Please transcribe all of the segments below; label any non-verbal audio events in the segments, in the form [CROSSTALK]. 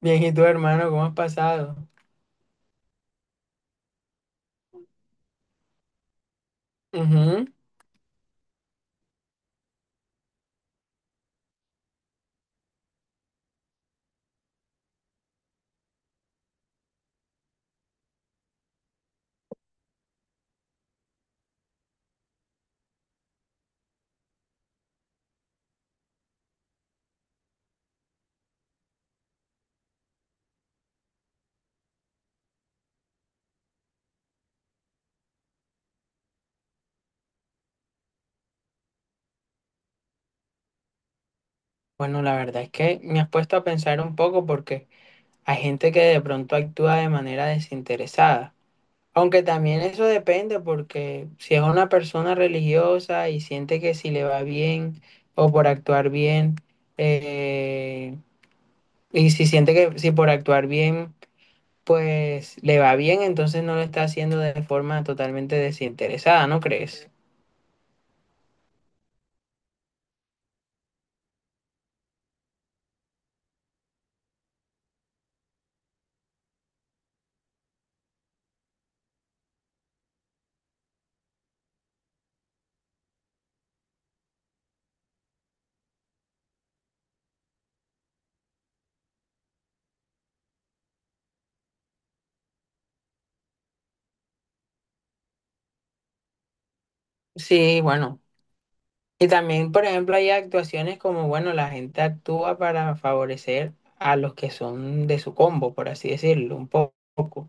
Bien, ¿y tú, hermano, cómo has pasado? Ujú. Bueno, la verdad es que me has puesto a pensar un poco porque hay gente que de pronto actúa de manera desinteresada. Aunque también eso depende porque si es una persona religiosa y siente que si le va bien o por actuar bien, eh, y si siente que si por actuar bien, pues le va bien, entonces no lo está haciendo de forma totalmente desinteresada, ¿no crees? Sí, bueno. Y también, por ejemplo, hay actuaciones como, bueno, la gente actúa para favorecer a los que son de su combo, por así decirlo, poco,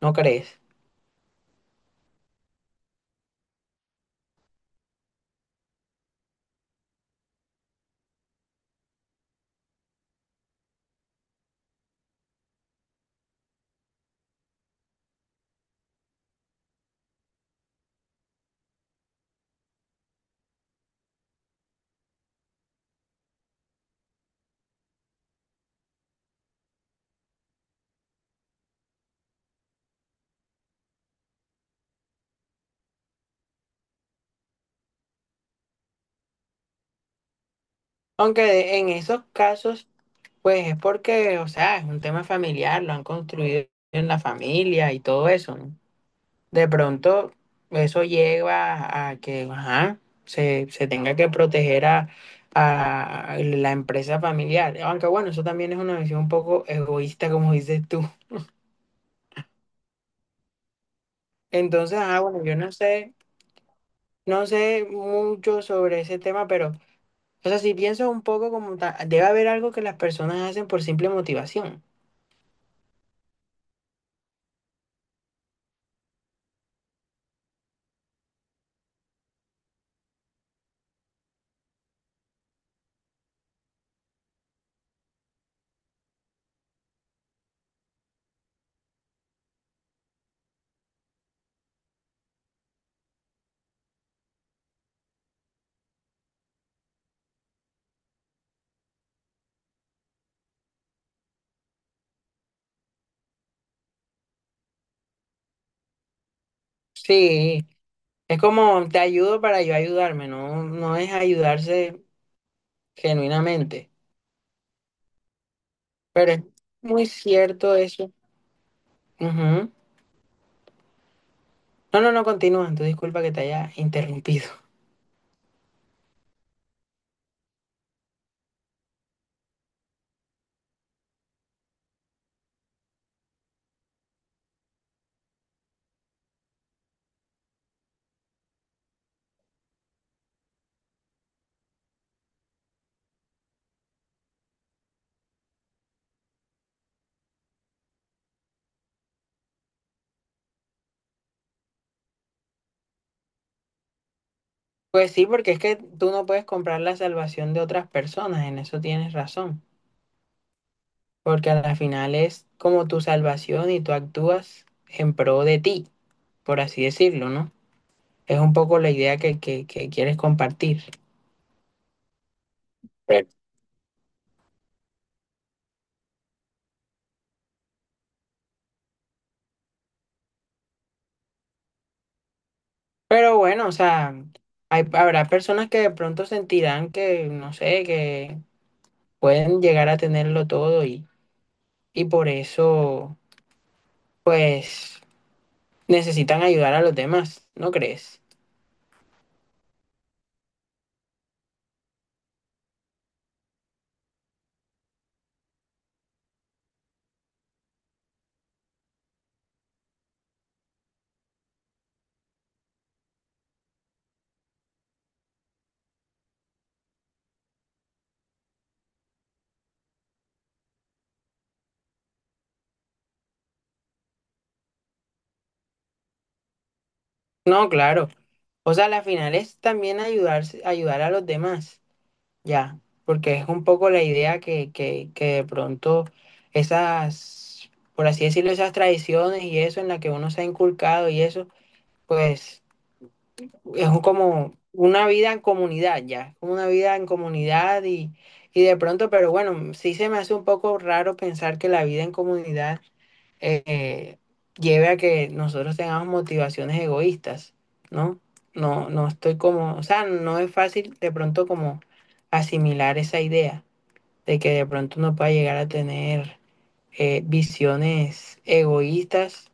¿no crees? Aunque en esos casos, pues es porque, o sea, es un tema familiar, lo han construido en la familia y todo eso, ¿no? De pronto, eso lleva a que, ajá, se tenga que proteger a la empresa familiar. Aunque bueno, eso también es una visión un poco egoísta, como dices tú. Entonces, bueno, yo no sé, no sé mucho sobre ese tema, pero, o sea, si pienso un poco como debe haber algo que las personas hacen por simple motivación. Sí, es como te ayudo para yo ayudarme, no, no es ayudarse genuinamente, pero es muy cierto eso. Ujú. No, no, no, continúa, tú disculpa que te haya interrumpido. [LAUGHS] Pues sí, porque es que tú no puedes comprar la salvación de otras personas, en eso tienes razón. Porque a la final es como tu salvación y tú actúas en pro de ti, por así decirlo, ¿no? Es un poco la idea que quieres compartir. Pero pero bueno, o sea, hay, habrá personas que de pronto sentirán que, no sé, que pueden llegar a tenerlo todo y por eso, pues, necesitan ayudar a los demás, ¿no crees? No, claro. O sea, la final es también ayudarse, ayudar a los demás. Ya, porque es un poco la idea que de pronto esas, por así decirlo, esas tradiciones y eso en la que uno se ha inculcado y eso, pues es como una vida en comunidad ya, como una vida en comunidad y de pronto, pero bueno, sí se me hace un poco raro pensar que la vida en comunidad eh, lleve a que nosotros tengamos motivaciones egoístas, ¿no? No, no estoy como, o sea, no es fácil de pronto como asimilar esa idea de que de pronto uno pueda llegar a tener visiones egoístas,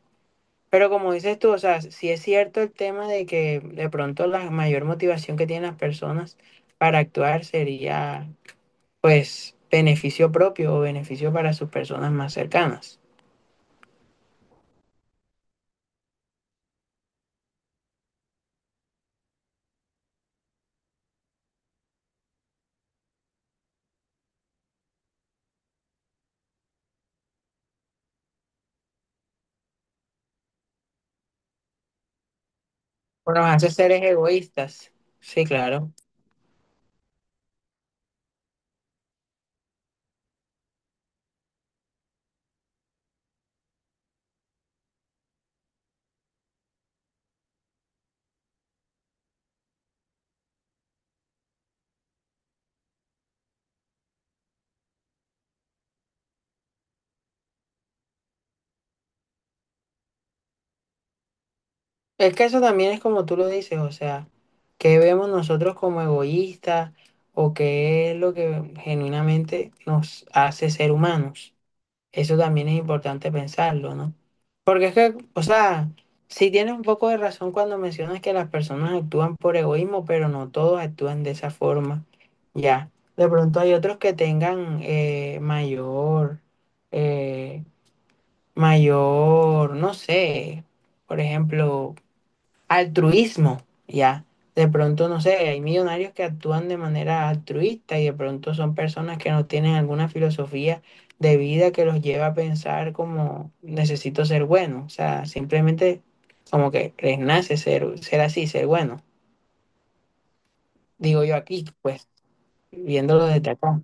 pero como dices tú, o sea, sí es cierto el tema de que de pronto la mayor motivación que tienen las personas para actuar sería, pues, beneficio propio o beneficio para sus personas más cercanas. O nos hace seres egoístas. Sí, claro. Es que eso también es como tú lo dices, o sea, ¿qué vemos nosotros como egoístas o qué es lo que genuinamente nos hace ser humanos? Eso también es importante pensarlo, ¿no? Porque es que, o sea, sí tienes un poco de razón cuando mencionas que las personas actúan por egoísmo, pero no todos actúan de esa forma. Ya, de pronto hay otros que tengan mayor, eh, mayor, no sé, por ejemplo, altruismo, ¿ya? De pronto, no sé, hay millonarios que actúan de manera altruista y de pronto son personas que no tienen alguna filosofía de vida que los lleva a pensar como necesito ser bueno, o sea, simplemente como que les nace ser, ser así, ser bueno, digo yo aquí, pues, viéndolo desde acá.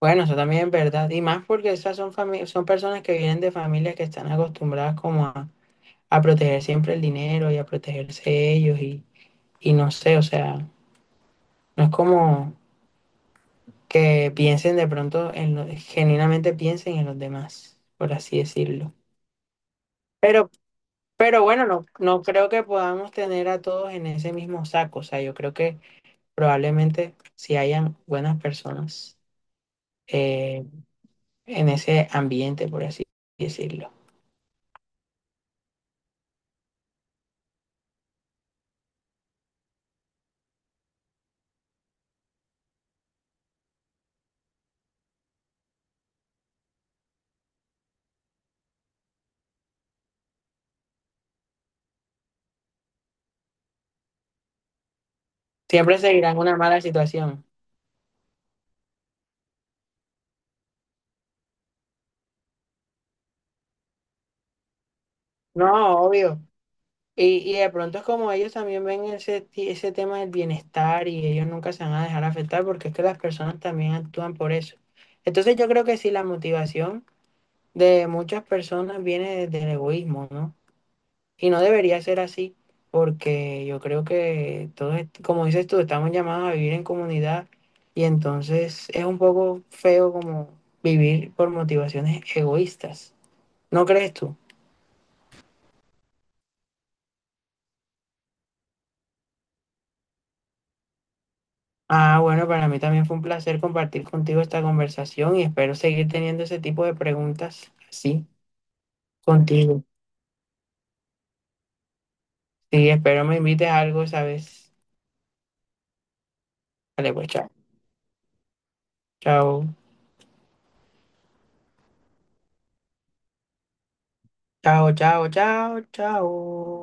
Bueno, eso también es verdad, y más porque esas son, son personas que vienen de familias que están acostumbradas como a proteger siempre el dinero y a protegerse ellos y no sé, o sea... No es como que piensen de pronto en lo, genuinamente piensen en los demás, por así decirlo. Pero, pero bueno, no, no creo que podamos tener a todos en ese mismo saco. O sea, yo creo que probablemente si hayan buenas personas eh, en ese ambiente, por así decirlo. Siempre seguirán una mala situación. No, obvio. Y de pronto es como ellos también ven ese, ese tema del bienestar y ellos nunca se van a dejar afectar porque es que las personas también actúan por eso. Entonces yo creo que sí, la motivación de muchas personas viene desde el egoísmo, ¿no? Y no debería ser así porque yo creo que todos, como dices tú, estamos llamados a vivir en comunidad y entonces es un poco feo como vivir por motivaciones egoístas. ¿No crees tú? Ah, bueno, para mí también fue un placer compartir contigo esta conversación y espero seguir teniendo ese tipo de preguntas así contigo. Sí, espero me invites a algo, ¿sabes? Vale, pues chao. Chao, chao, chao, chao, chao.